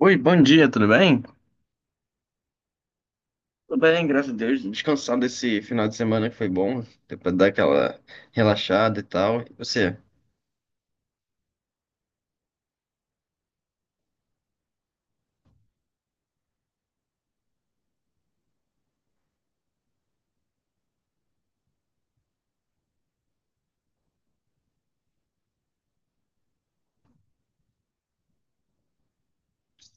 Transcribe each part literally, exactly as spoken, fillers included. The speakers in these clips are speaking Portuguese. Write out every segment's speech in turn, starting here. Oi, bom dia, tudo bem? Tudo bem, graças a Deus. Descansado desse final de semana que foi bom, deu pra dar aquela relaxada e tal. E você?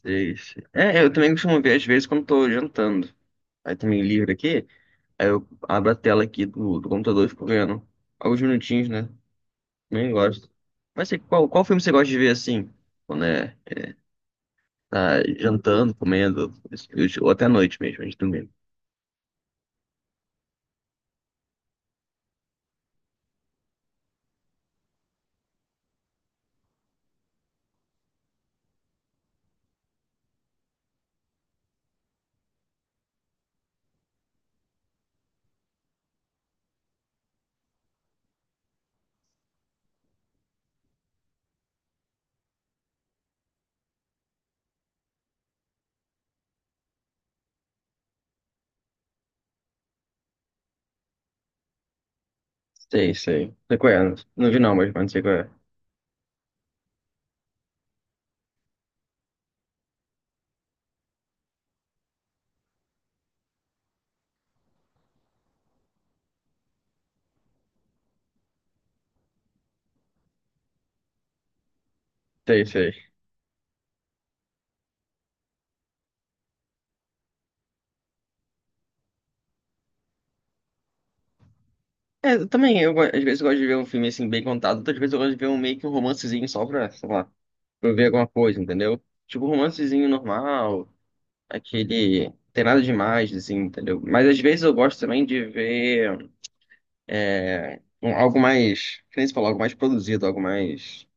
Sei, sei. É, eu também costumo ver às vezes quando tô jantando. Aí também livre aqui, aí eu abro a tela aqui do, do computador e fico vendo alguns minutinhos, né? Nem gosto. Mas assim, qual, qual filme você gosta de ver assim? Quando é, tá jantando, comendo, ou até à noite mesmo, antes de dormir. Sei, sei. Não sei qual é, não vi não, mas mas não sei qual é. Sei, sei. É, eu também, eu, go- às vezes eu gosto de ver um filme assim bem contado, outras vezes eu gosto de ver um meio que um romancezinho só pra, sei lá, pra eu ver alguma coisa, entendeu? Tipo, um romancezinho normal, aquele. Tem nada demais, assim, entendeu? Mas às vezes eu gosto também de ver é, um- algo mais, que nem você falou, algo mais produzido, algo mais.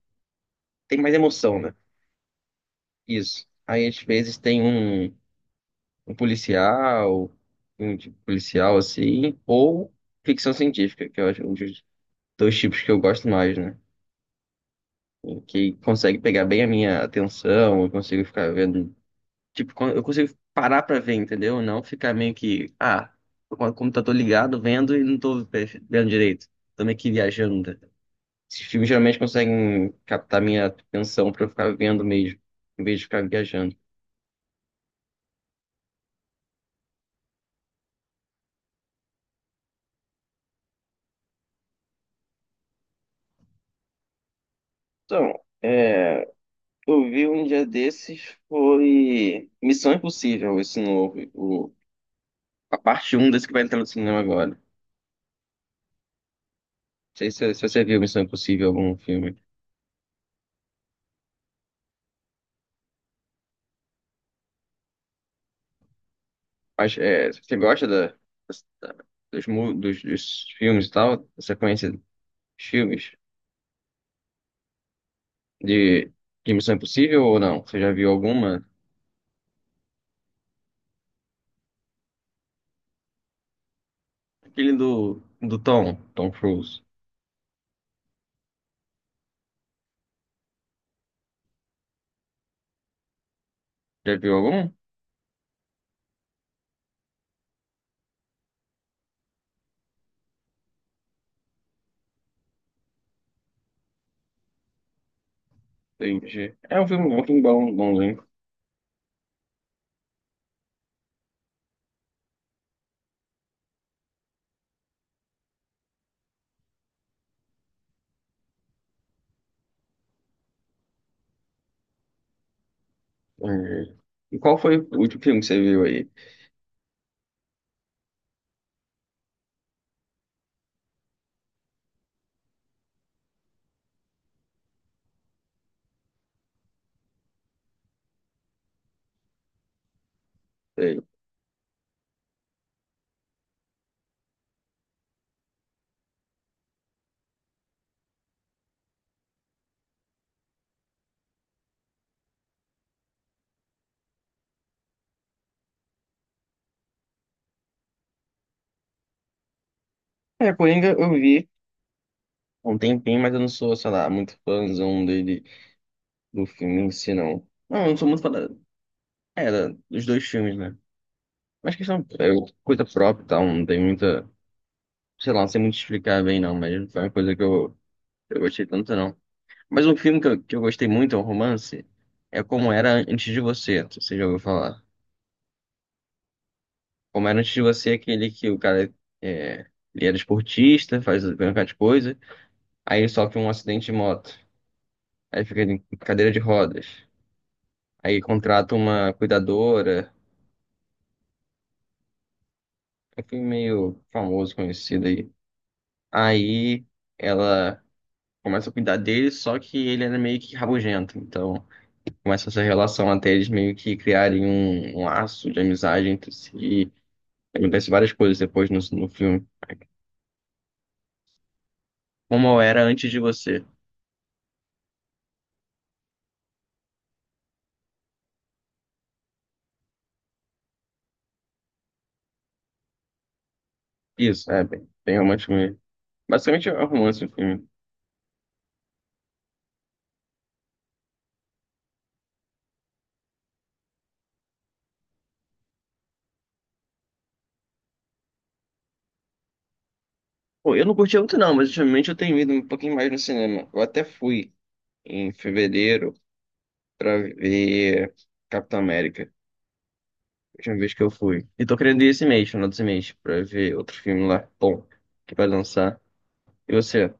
Tem mais emoção, né? Isso. Aí às vezes tem um, um policial, um tipo policial assim, ou ficção científica, que eu acho um dos dois tipos que eu gosto mais, né? Que consegue pegar bem a minha atenção, eu consigo ficar vendo, tipo, quando- eu consigo parar pra ver, entendeu? Não ficar meio que, ah, tô com o computador ligado, vendo e não tô ve- vendo direito. Tô meio que viajando. Esses filmes geralmente conseguem captar minha atenção pra eu ficar vendo mesmo, em vez de ficar viajando. Então, é, eu vi um dia desses foi Missão Impossível, esse novo, o, a parte um desse que vai entrar no cinema agora. Não sei se, se você viu Missão Impossível, algum filme. Mas é, você gosta da, da- dos, mu- dos, dos filmes e tal? Você conhece filmes de, de Missão Impossível ou não? Você já viu alguma? Aquele do, do Tom, Tom Cruise. Já viu algum? Entendi. É um filme, um filme bom, bonzinho. Entendi. E qual foi o último filme que você viu aí? Sei. É, Coringa eu vi há um tempinho, mas eu não sou, sei lá, muito fãzão dele, do filme em si, não. Não, eu não sou muito fã da, é, da- dos dois filmes, né? Mas questão é coisa própria, e tal, não tem muita, sei lá, não sei muito explicar bem não, mas não foi uma coisa que eu, eu gostei tanto não. Mas um filme que eu, que eu gostei muito, é um romance, é Como Era Antes de Você, você já ouviu falar. Como Era Antes de Você é aquele que o cara, é, ele era esportista, faz um bocado de coisa, aí ele sofre um acidente de moto, aí fica em cadeira de rodas, aí contrata uma cuidadora, é um filme meio famoso, conhecido aí. Aí ela começam a cuidar dele, só que ele era meio que rabugento. Então, começa essa relação até eles meio que criarem um, um laço de amizade entre si. E acontece várias coisas depois no, no filme. Como eu era antes de você. Isso, é bem, bem romântico mesmo. Basicamente é um romance o filme. Pô, eu não curti muito não, mas ultimamente eu tenho ido um pouquinho mais no cinema. Eu até fui em fevereiro pra ver Capitão América. Última vez que eu fui. E tô querendo ir esse mês, final desse mês, pra ver outro filme lá bom que vai lançar. E você?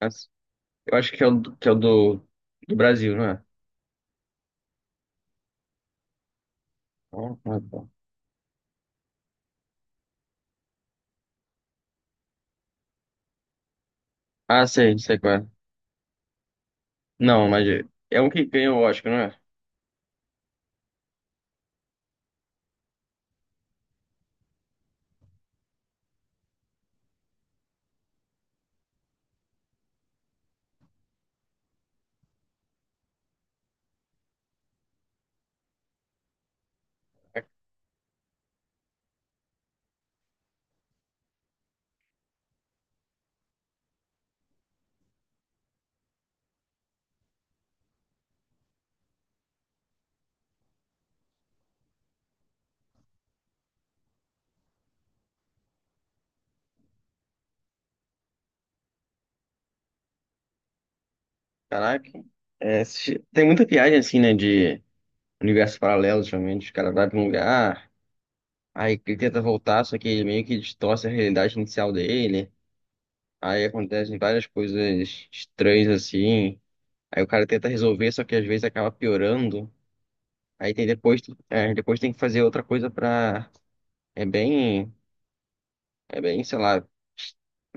As- Eu acho que é o, do- que é o do, do Brasil, não é? Ah, ah, tá. Ah, sei, sei qual é. Não, mas é um que ganha o Oscar, não é? Caraca. É, se- tem muita viagem assim, né? De universos paralelos, geralmente. Os caras vai pra um lugar, aí ele tenta voltar, só que ele meio que distorce a realidade inicial dele. Aí acontecem várias coisas estranhas assim. Aí o cara tenta resolver, só que às vezes acaba piorando. Aí tem depois, é, depois tem que fazer outra coisa pra. É bem. É bem, sei lá,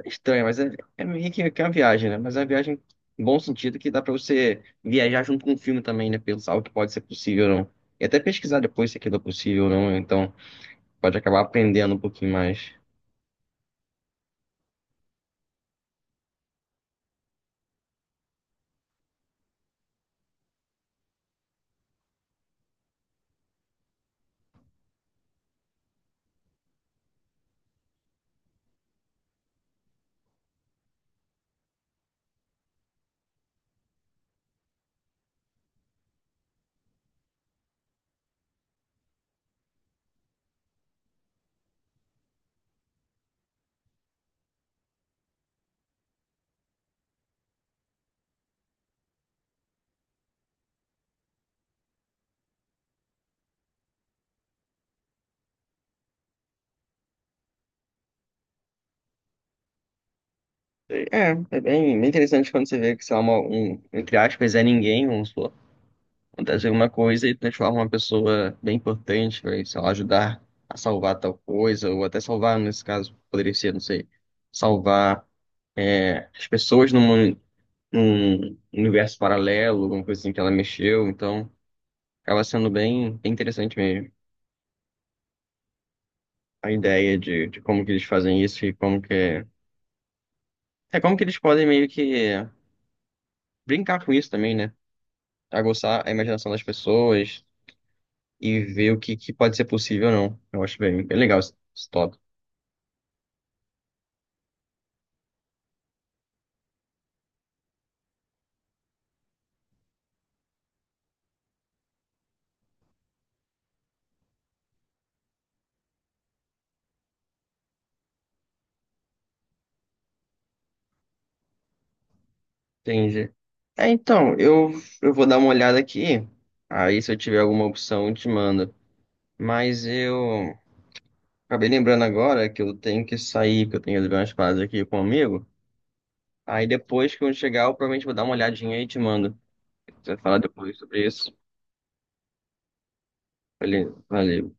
estranho, mas é, é meio que que é uma viagem, né? Mas é uma viagem em bom sentido que dá pra você viajar junto com o filme também, né? Pensar o que pode ser possível ou não. E até pesquisar depois se aquilo é possível ou não, né? Então pode acabar aprendendo um pouquinho mais. É, é bem, bem interessante quando você vê que, sei lá, uma, um, entre aspas, é ninguém, vamos supor, acontece alguma coisa e transforma uma pessoa bem importante, vai, sei lá, ajudar a salvar tal coisa, ou até salvar, nesse caso, poderia ser, não sei, salvar é, as pessoas no mundo um universo paralelo, alguma coisa assim que ela mexeu, então acaba sendo bem, bem interessante mesmo a ideia de, de como que eles fazem isso e como que é é como que eles podem meio que brincar com isso também, né? Aguçar a imaginação das pessoas e ver o que, que pode ser possível ou não. Eu acho bem, bem legal esse, esse tópico. Entendi. É, então, eu, eu vou dar uma olhada aqui. Aí, se eu tiver alguma opção, eu te mando. Mas eu acabei lembrando agora que eu tenho que sair, que eu tenho que levar umas paradas aqui com um amigo. Aí depois que eu chegar, eu provavelmente vou dar uma olhadinha e te mando. Você vai falar depois sobre isso. Valeu, valeu.